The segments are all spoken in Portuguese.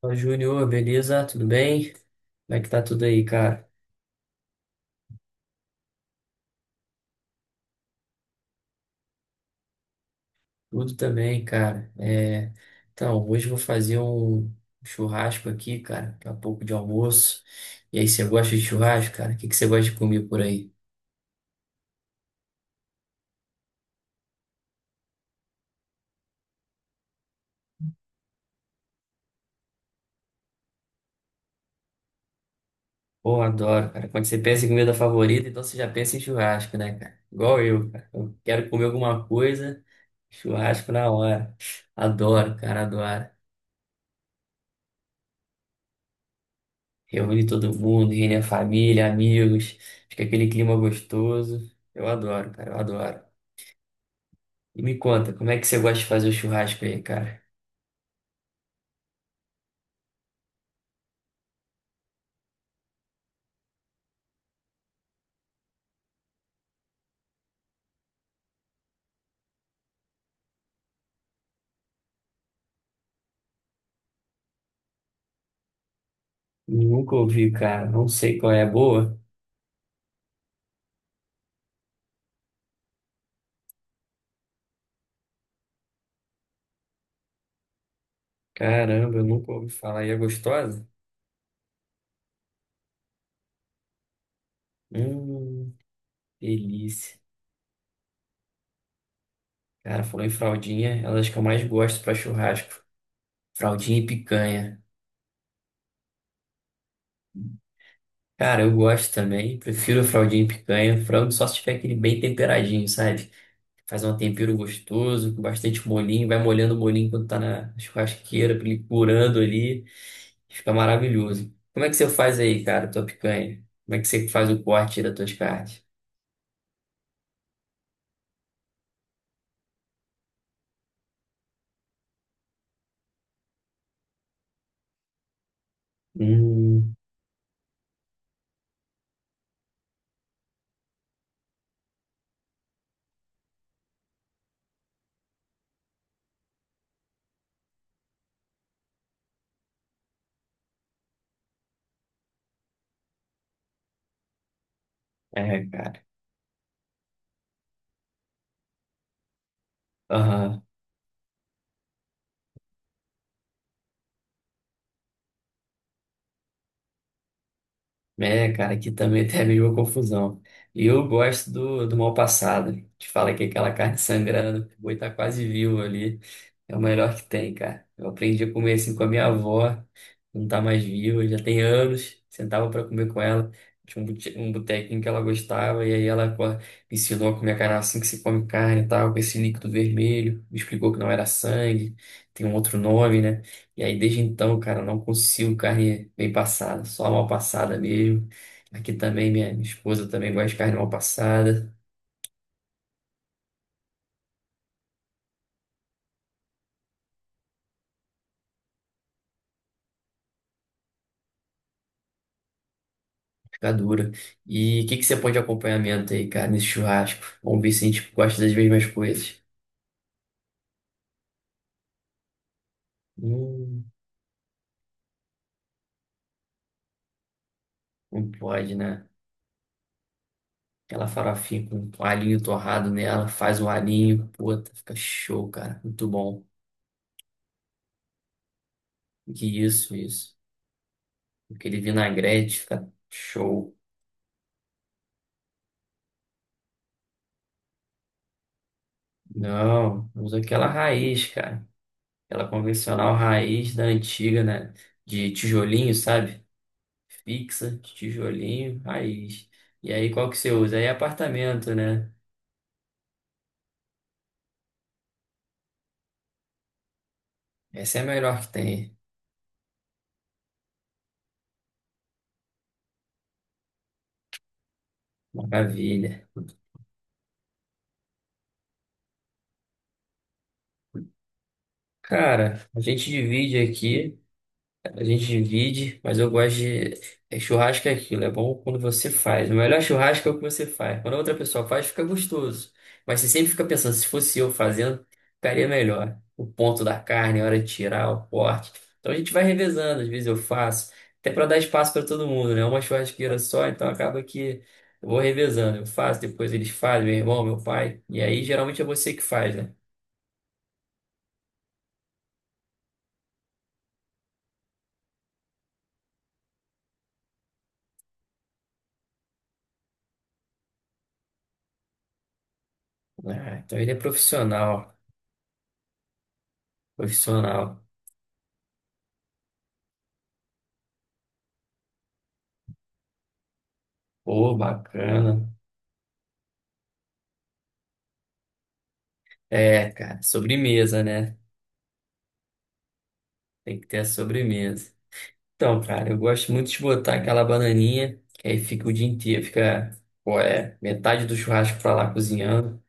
Fala, Júnior, beleza? Tudo bem? Como é que tá tudo aí, cara? Tudo também, cara. Então, hoje eu vou fazer um churrasco aqui, cara, daqui a pouco de almoço. E aí, você gosta de churrasco, cara? O que que você gosta de comer por aí? Pô, adoro, cara. Quando você pensa em comida favorita, então você já pensa em churrasco, né, cara? Igual eu, cara. Eu quero comer alguma coisa, churrasco na hora. Adoro, cara, adoro. Reúne todo mundo, reúne a família, amigos, fica aquele clima gostoso. Eu adoro, cara, eu adoro. E me conta, como é que você gosta de fazer o churrasco aí, cara? Nunca ouvi, cara, não sei qual é a boa. Caramba, eu nunca ouvi falar. E é gostosa? Hum, delícia. Cara, falou em fraldinha, é uma das que eu mais gosto pra churrasco. Fraldinha e picanha. Cara, eu gosto também, prefiro fraldinha e picanha, frango só se tiver aquele bem temperadinho, sabe? Faz um tempero gostoso, com bastante molinho, vai molhando o molinho quando tá na churrasqueira, pra ele curando ali, fica maravilhoso. Como é que você faz aí, cara, tua picanha? Como é que você faz o corte das tuas carnes? Hum, é, cara. Aham. É, cara, aqui também tem a mesma confusão. E eu gosto do mal passado. Te fala que aquela carne sangrando, o boi tá quase vivo ali. É o melhor que tem, cara. Eu aprendi a comer assim com a minha avó, não tá mais viva, já tem anos. Sentava pra comer com ela. Tinha um um botequinho que ela gostava, e aí ela me ensinou a comer a carne assim que se come carne e tal, com esse líquido vermelho. Me explicou que não era sangue, tem um outro nome, né? E aí, desde então, cara, não consigo carne bem passada, só mal passada mesmo. Aqui também, minha esposa também gosta de carne mal passada, fica dura. E o que que você põe de acompanhamento aí, cara, nesse churrasco? Vamos ver se a gente gosta das mesmas coisas. Hum, não pode, né? Aquela farofinha com um alhinho torrado nela, faz o alhinho, puta, fica show, cara, muito bom. Que isso, isso. Aquele vinagrete, fica show. Não, usa aquela raiz, cara. Aquela convencional raiz da antiga, né? De tijolinho, sabe? Fixa, de tijolinho, raiz. E aí, qual que você usa? Aí, apartamento, né? Essa é a melhor que tem. Maravilha. Cara, a gente divide aqui. A gente divide, mas eu gosto de. Churrasco é aquilo, é bom quando você faz. O melhor churrasco é o que você faz. Quando a outra pessoa faz, fica gostoso. Mas você sempre fica pensando, se fosse eu fazendo, ficaria melhor. O ponto da carne, a hora de tirar, o corte. Então a gente vai revezando, às vezes eu faço, até para dar espaço para todo mundo, né? Uma churrasqueira só, então acaba que eu vou revezando. Eu faço, depois eles fazem, meu irmão, meu pai. E aí geralmente é você que faz, né? Ah, então ele é profissional, profissional. Pô, bacana. É, cara, sobremesa, né? Tem que ter a sobremesa. Então, cara, eu gosto muito de botar aquela bananinha, que aí fica o dia inteiro, fica, pô, é, metade do churrasco pra lá cozinhando.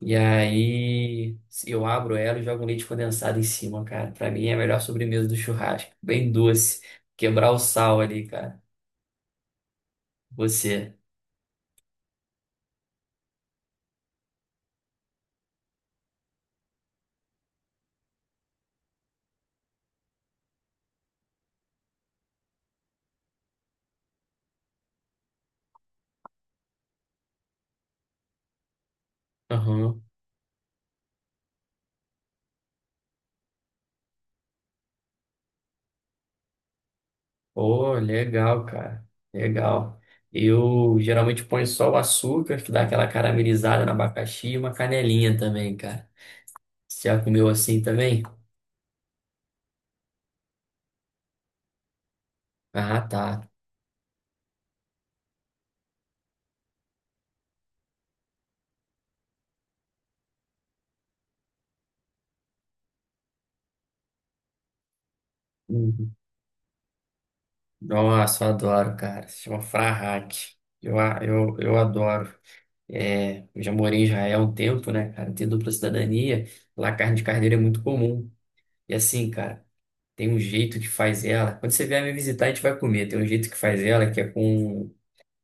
E aí eu abro ela e jogo um leite condensado em cima, cara. Pra mim é a melhor sobremesa do churrasco. Bem doce. Quebrar o sal ali, cara. Você. Aham. Pô, legal, cara. Legal. Eu geralmente ponho só o açúcar, que dá aquela caramelizada no abacaxi e uma canelinha também, cara. Você já comeu assim também? Ah, tá. Uhum. Nossa, eu adoro, cara. Se chama Frahak. Eu adoro. É, eu já morei em Israel há um tempo, né, cara? Tenho dupla cidadania. Lá a carne de carneiro é muito comum. E assim, cara, tem um jeito que faz ela. Quando você vier me visitar, a gente vai comer. Tem um jeito que faz ela que é com.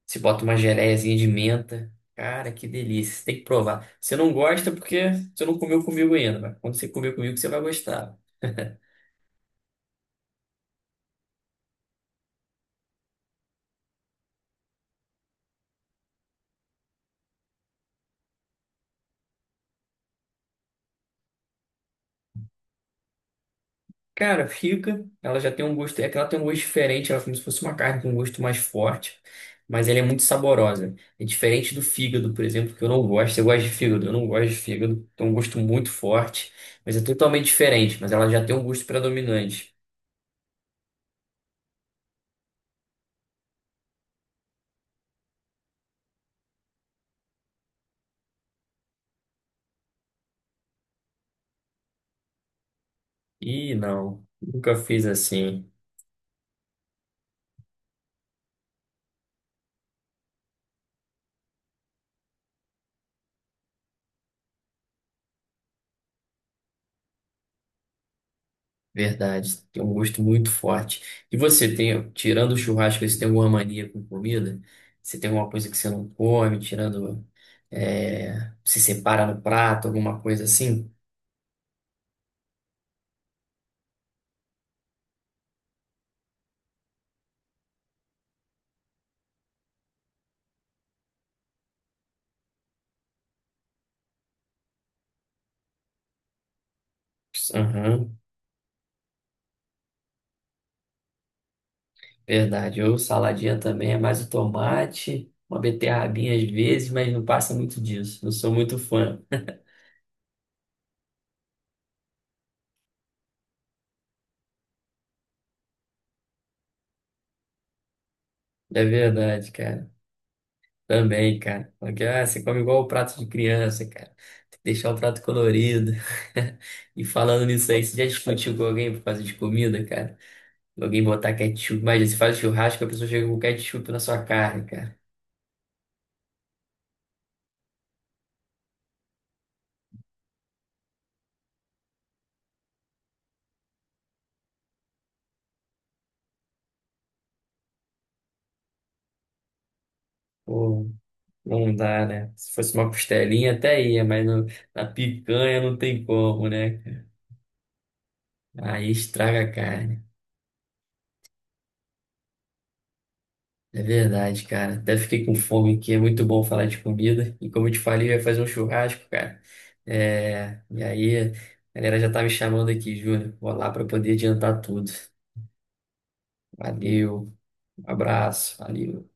Se bota uma geleiazinha de menta. Cara, que delícia. Você tem que provar. Você não gosta porque você não comeu comigo ainda, mas quando você comer comigo, você vai gostar. Cara, fica. Ela já tem um gosto. É que ela tem um gosto diferente. Ela é como se fosse uma carne com um gosto mais forte. Mas ela é muito saborosa. É diferente do fígado, por exemplo, que eu não gosto. Você gosta de fígado? Eu não gosto de fígado. Tem um gosto muito forte. Mas é totalmente diferente. Mas ela já tem um gosto predominante. Ih, não. Nunca fiz assim. Verdade. Tem um gosto muito forte. E você tem, tirando o churrasco, você tem alguma mania com comida? Você tem alguma coisa que você não come, tirando. É, se separa no prato, alguma coisa assim. Aham, verdade. Ou saladinha também é mais o tomate, uma beterrabinha às vezes, mas não passa muito disso. Não sou muito fã. É verdade, cara. Também, cara. Porque, ah, você come igual o prato de criança, cara. Tem que deixar o prato colorido. E falando nisso aí, você já discutiu com alguém por causa de comida, cara? Alguém botar ketchup. Imagina, você faz churrasco, a pessoa chega com ketchup na sua carne, cara. Pô, não dá, né? Se fosse uma costelinha até ia, mas na picanha não tem como, né? Aí estraga a carne. É verdade, cara. Até fiquei com fome aqui. É muito bom falar de comida. E como eu te falei, eu ia fazer um churrasco, cara. É... E aí, a galera já tá me chamando aqui, Júnior. Vou lá pra poder adiantar tudo. Valeu, um abraço, valeu.